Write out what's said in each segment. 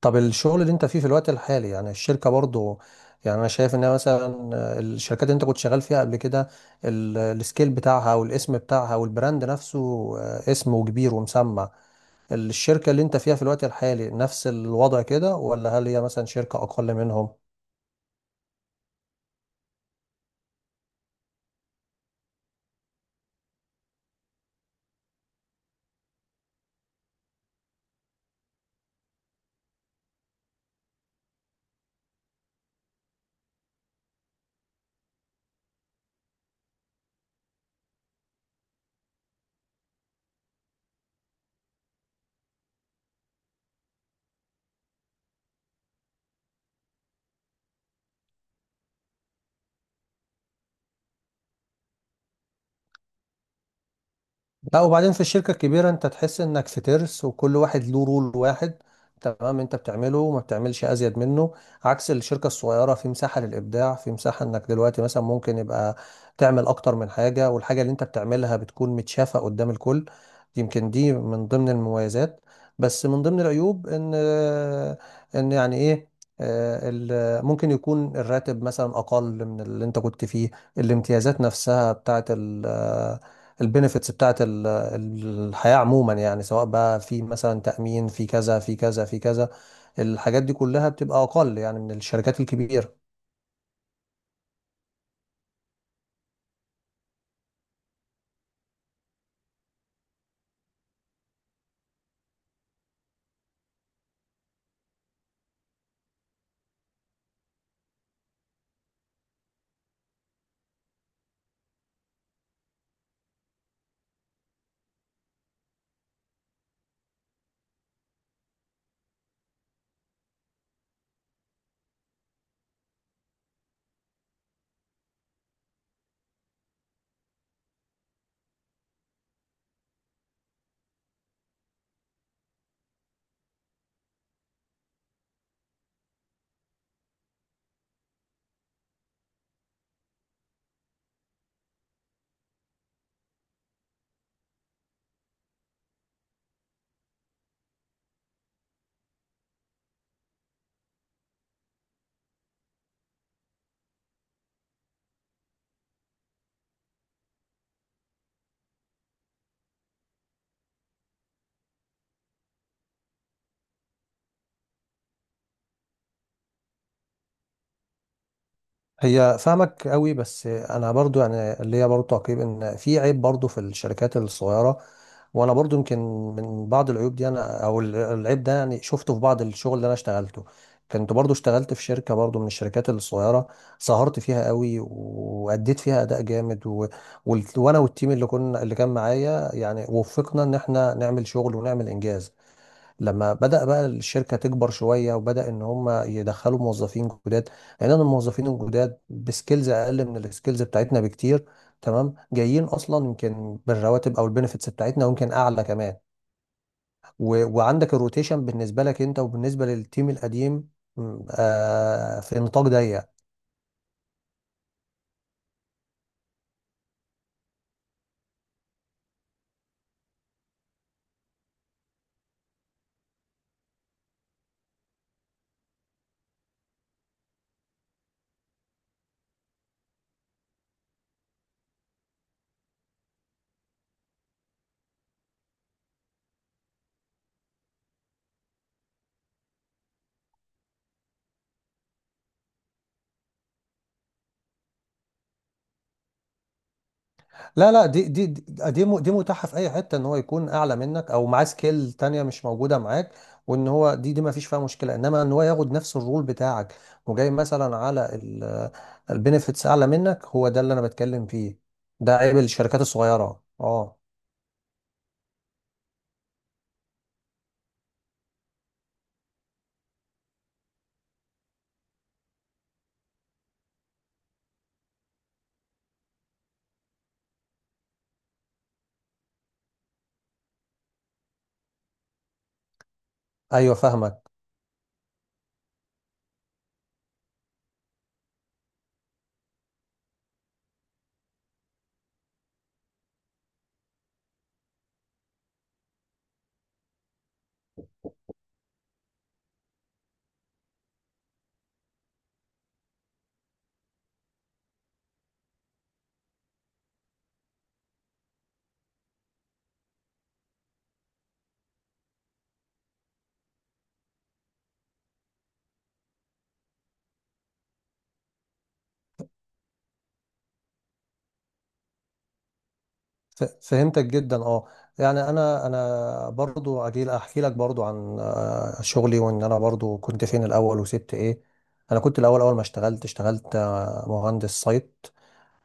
طب الشغل اللي انت فيه في الوقت الحالي، يعني الشركة برضو، يعني انا شايف انها مثلا الشركات اللي انت كنت شغال فيها قبل كده السكيل بتاعها والاسم بتاعها والبراند نفسه، اسم وكبير ومسمع. الشركة اللي انت فيها في الوقت الحالي نفس الوضع كده، ولا هل هي مثلا شركة اقل منهم؟ لا، وبعدين في الشركة الكبيرة انت تحس انك في ترس وكل واحد له رول واحد. تمام، انت بتعمله وما بتعملش ازيد منه. عكس الشركة الصغيرة، في مساحة للابداع، في مساحة انك دلوقتي مثلا ممكن يبقى تعمل اكتر من حاجة، والحاجة اللي انت بتعملها بتكون متشافة قدام الكل. يمكن دي من ضمن المميزات. بس من ضمن العيوب ان ان يعني ايه ممكن يكون الراتب مثلا اقل من اللي انت كنت فيه. الامتيازات نفسها بتاعت البنفيتس بتاعت الحياة عموما، يعني سواء بقى في مثلا تأمين، في كذا في كذا في كذا. الحاجات دي كلها بتبقى أقل يعني من الشركات الكبيرة. هي فاهمك قوي، بس أنا برضو يعني اللي هي برضو تعقيب إن في عيب برضو في الشركات الصغيرة. وانا برضو يمكن من بعض العيوب دي العيب ده يعني شفته في بعض الشغل اللي انا اشتغلته. كنت برضو اشتغلت في شركة برضو من الشركات الصغيرة، سهرت فيها قوي واديت فيها اداء جامد، وانا والتيم اللي كان معايا يعني وفقنا ان احنا نعمل شغل ونعمل انجاز. لما بدأ بقى الشركة تكبر شوية وبدأ إن هم يدخلوا موظفين جداد، لأن أنا الموظفين الجداد بسكيلز أقل من السكيلز بتاعتنا بكتير. تمام، جايين أصلا يمكن بالرواتب أو البنفيتس بتاعتنا ويمكن أعلى كمان. وعندك الروتيشن بالنسبة لك أنت وبالنسبة للتيم القديم، م، آه في نطاق ضيق. لا لا، دي دي متاحة في أي حتة، إن هو يكون أعلى منك أو معاه سكيل تانية مش موجودة معاك. وإن هو دي ما فيش فيها مشكلة، إنما إن هو ياخد نفس الرول بتاعك وجاي مثلا على البينفيتس أعلى منك، هو ده اللي أنا بتكلم فيه. ده عيب الشركات الصغيرة، أه. أيوه فاهمك. فهمتك جدا، أه. يعني أنا برضو أجي أحكي لك برضو عن شغلي وإن أنا برضو كنت فين الأول وسبت إيه. أنا كنت الأول، أول ما اشتغلت اشتغلت مهندس سايت.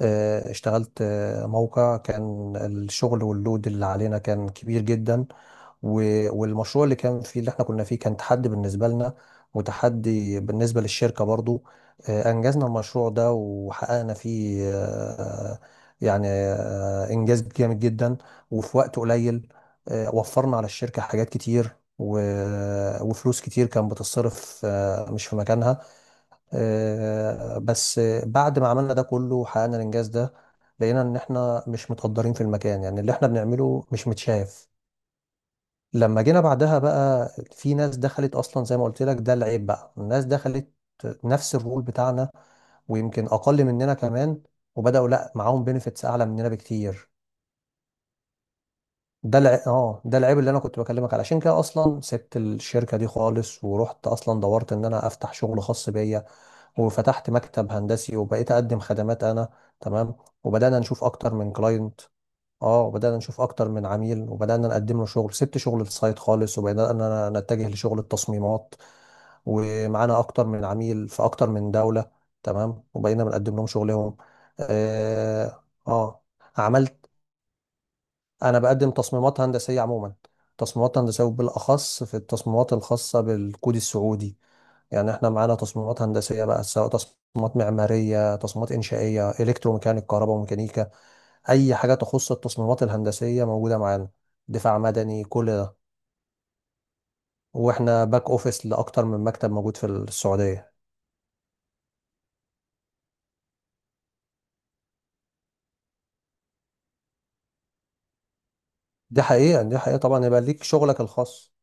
اشتغلت موقع كان الشغل واللود اللي علينا كان كبير جدا. والمشروع اللي احنا كنا فيه كان تحدي بالنسبة لنا وتحدي بالنسبة للشركة برضو. أنجزنا المشروع ده وحققنا فيه إنجاز جامد جدا وفي وقت قليل. وفرنا على الشركة حاجات كتير وفلوس كتير كان بتصرف مش في مكانها. بس بعد ما عملنا ده كله حققنا الانجاز ده، لقينا ان احنا مش متقدرين في المكان، يعني اللي احنا بنعمله مش متشاف. لما جينا بعدها بقى، في ناس دخلت اصلا زي ما قلت لك، ده العيب بقى، الناس دخلت نفس الرول بتاعنا ويمكن اقل مننا كمان، وبداوا لا معاهم بنفيتس اعلى مننا بكتير. ده العيب اللي انا كنت بكلمك عليه. علشان كده اصلا سبت الشركه دي خالص ورحت اصلا دورت ان انا افتح شغل خاص بيا. وفتحت مكتب هندسي وبقيت اقدم خدمات انا. تمام، وبدانا نشوف اكتر من كلاينت. اه، وبدانا نشوف اكتر من عميل وبدانا نقدم له شغل، سبت شغل السايت خالص وبدانا نتجه لشغل التصميمات. ومعانا اكتر من عميل في اكتر من دولة. تمام، وبقينا بنقدم لهم شغلهم. اه آه. عملت، انا بقدم تصميمات هندسية عموما. تصميمات هندسية وبالاخص في التصميمات الخاصة بالكود السعودي. يعني احنا معانا تصميمات هندسية بقى، سواء تصميمات معمارية، تصميمات إنشائية، إلكتروميكانيك، كهرباء وميكانيكا. أي حاجة تخص التصميمات الهندسية موجودة معانا، دفاع مدني، كل ده. واحنا باك أوفيس لأكتر من مكتب موجود في السعودية. دي حقيقة، دي حقيقة طبعا يبقى ليك شغلك الخاص.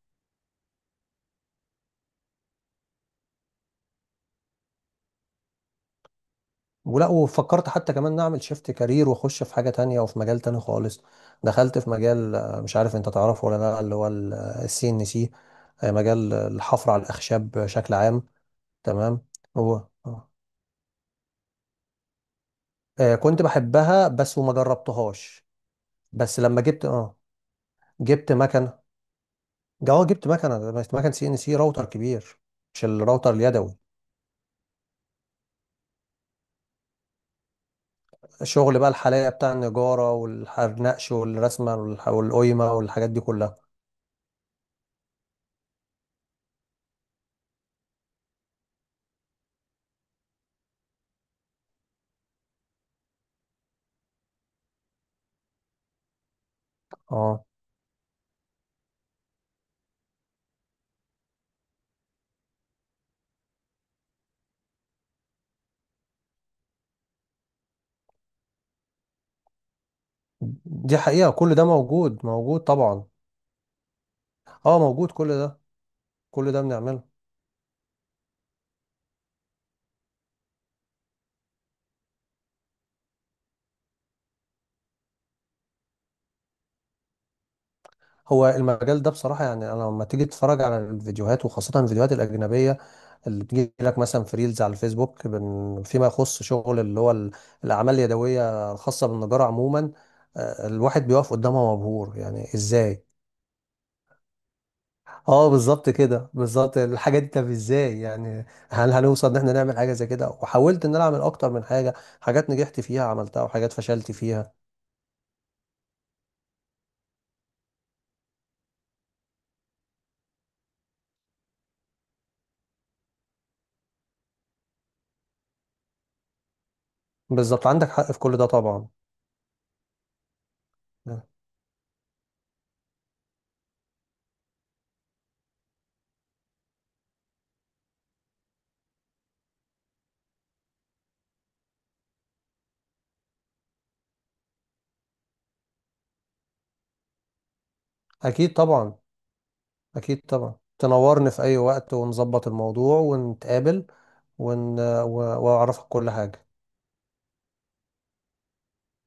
ولا وفكرت حتى كمان نعمل شيفت كارير واخش في حاجة تانية وفي مجال تاني خالص. دخلت في مجال، مش عارف انت تعرفه ولا لا، اللي هو السي ان سي، مجال الحفر على الأخشاب بشكل عام. تمام. هو آه. آه كنت بحبها بس وما جربتهاش. بس لما جبت، اه جبت مكنه، اه جبت مكنه، بس مكنه سي ان سي راوتر كبير، مش الراوتر اليدوي. الشغل بقى الحلاقه بتاع النجاره والنقش والرسمه والقيمه والحاجات دي كلها. اه دي حقيقه، كل ده موجود، موجود طبعا. اه موجود كل ده، كل ده بنعمله. هو المجال ده بصراحة، يعني أنا لما تيجي تتفرج على الفيديوهات، وخاصة الفيديوهات الأجنبية اللي بتجي لك مثلا في ريلز على الفيسبوك، فيما يخص شغل اللي هو الأعمال اليدوية الخاصة بالنجارة عموما، الواحد بيقف قدامها مبهور، يعني إزاي؟ اه بالظبط كده، بالظبط الحاجة دي. طب ازاي يعني هل هنوصل ان احنا نعمل حاجة زي كده؟ وحاولت ان انا اعمل اكتر من حاجة، حاجات نجحت فيها عملتها وحاجات فشلت فيها. بالظبط، عندك حق في كل ده طبعا. اكيد طبعا، أكيد طبعا تنورني في أي وقت، ونظبط الموضوع ونتقابل ون... و... وأعرفك كل حاجة.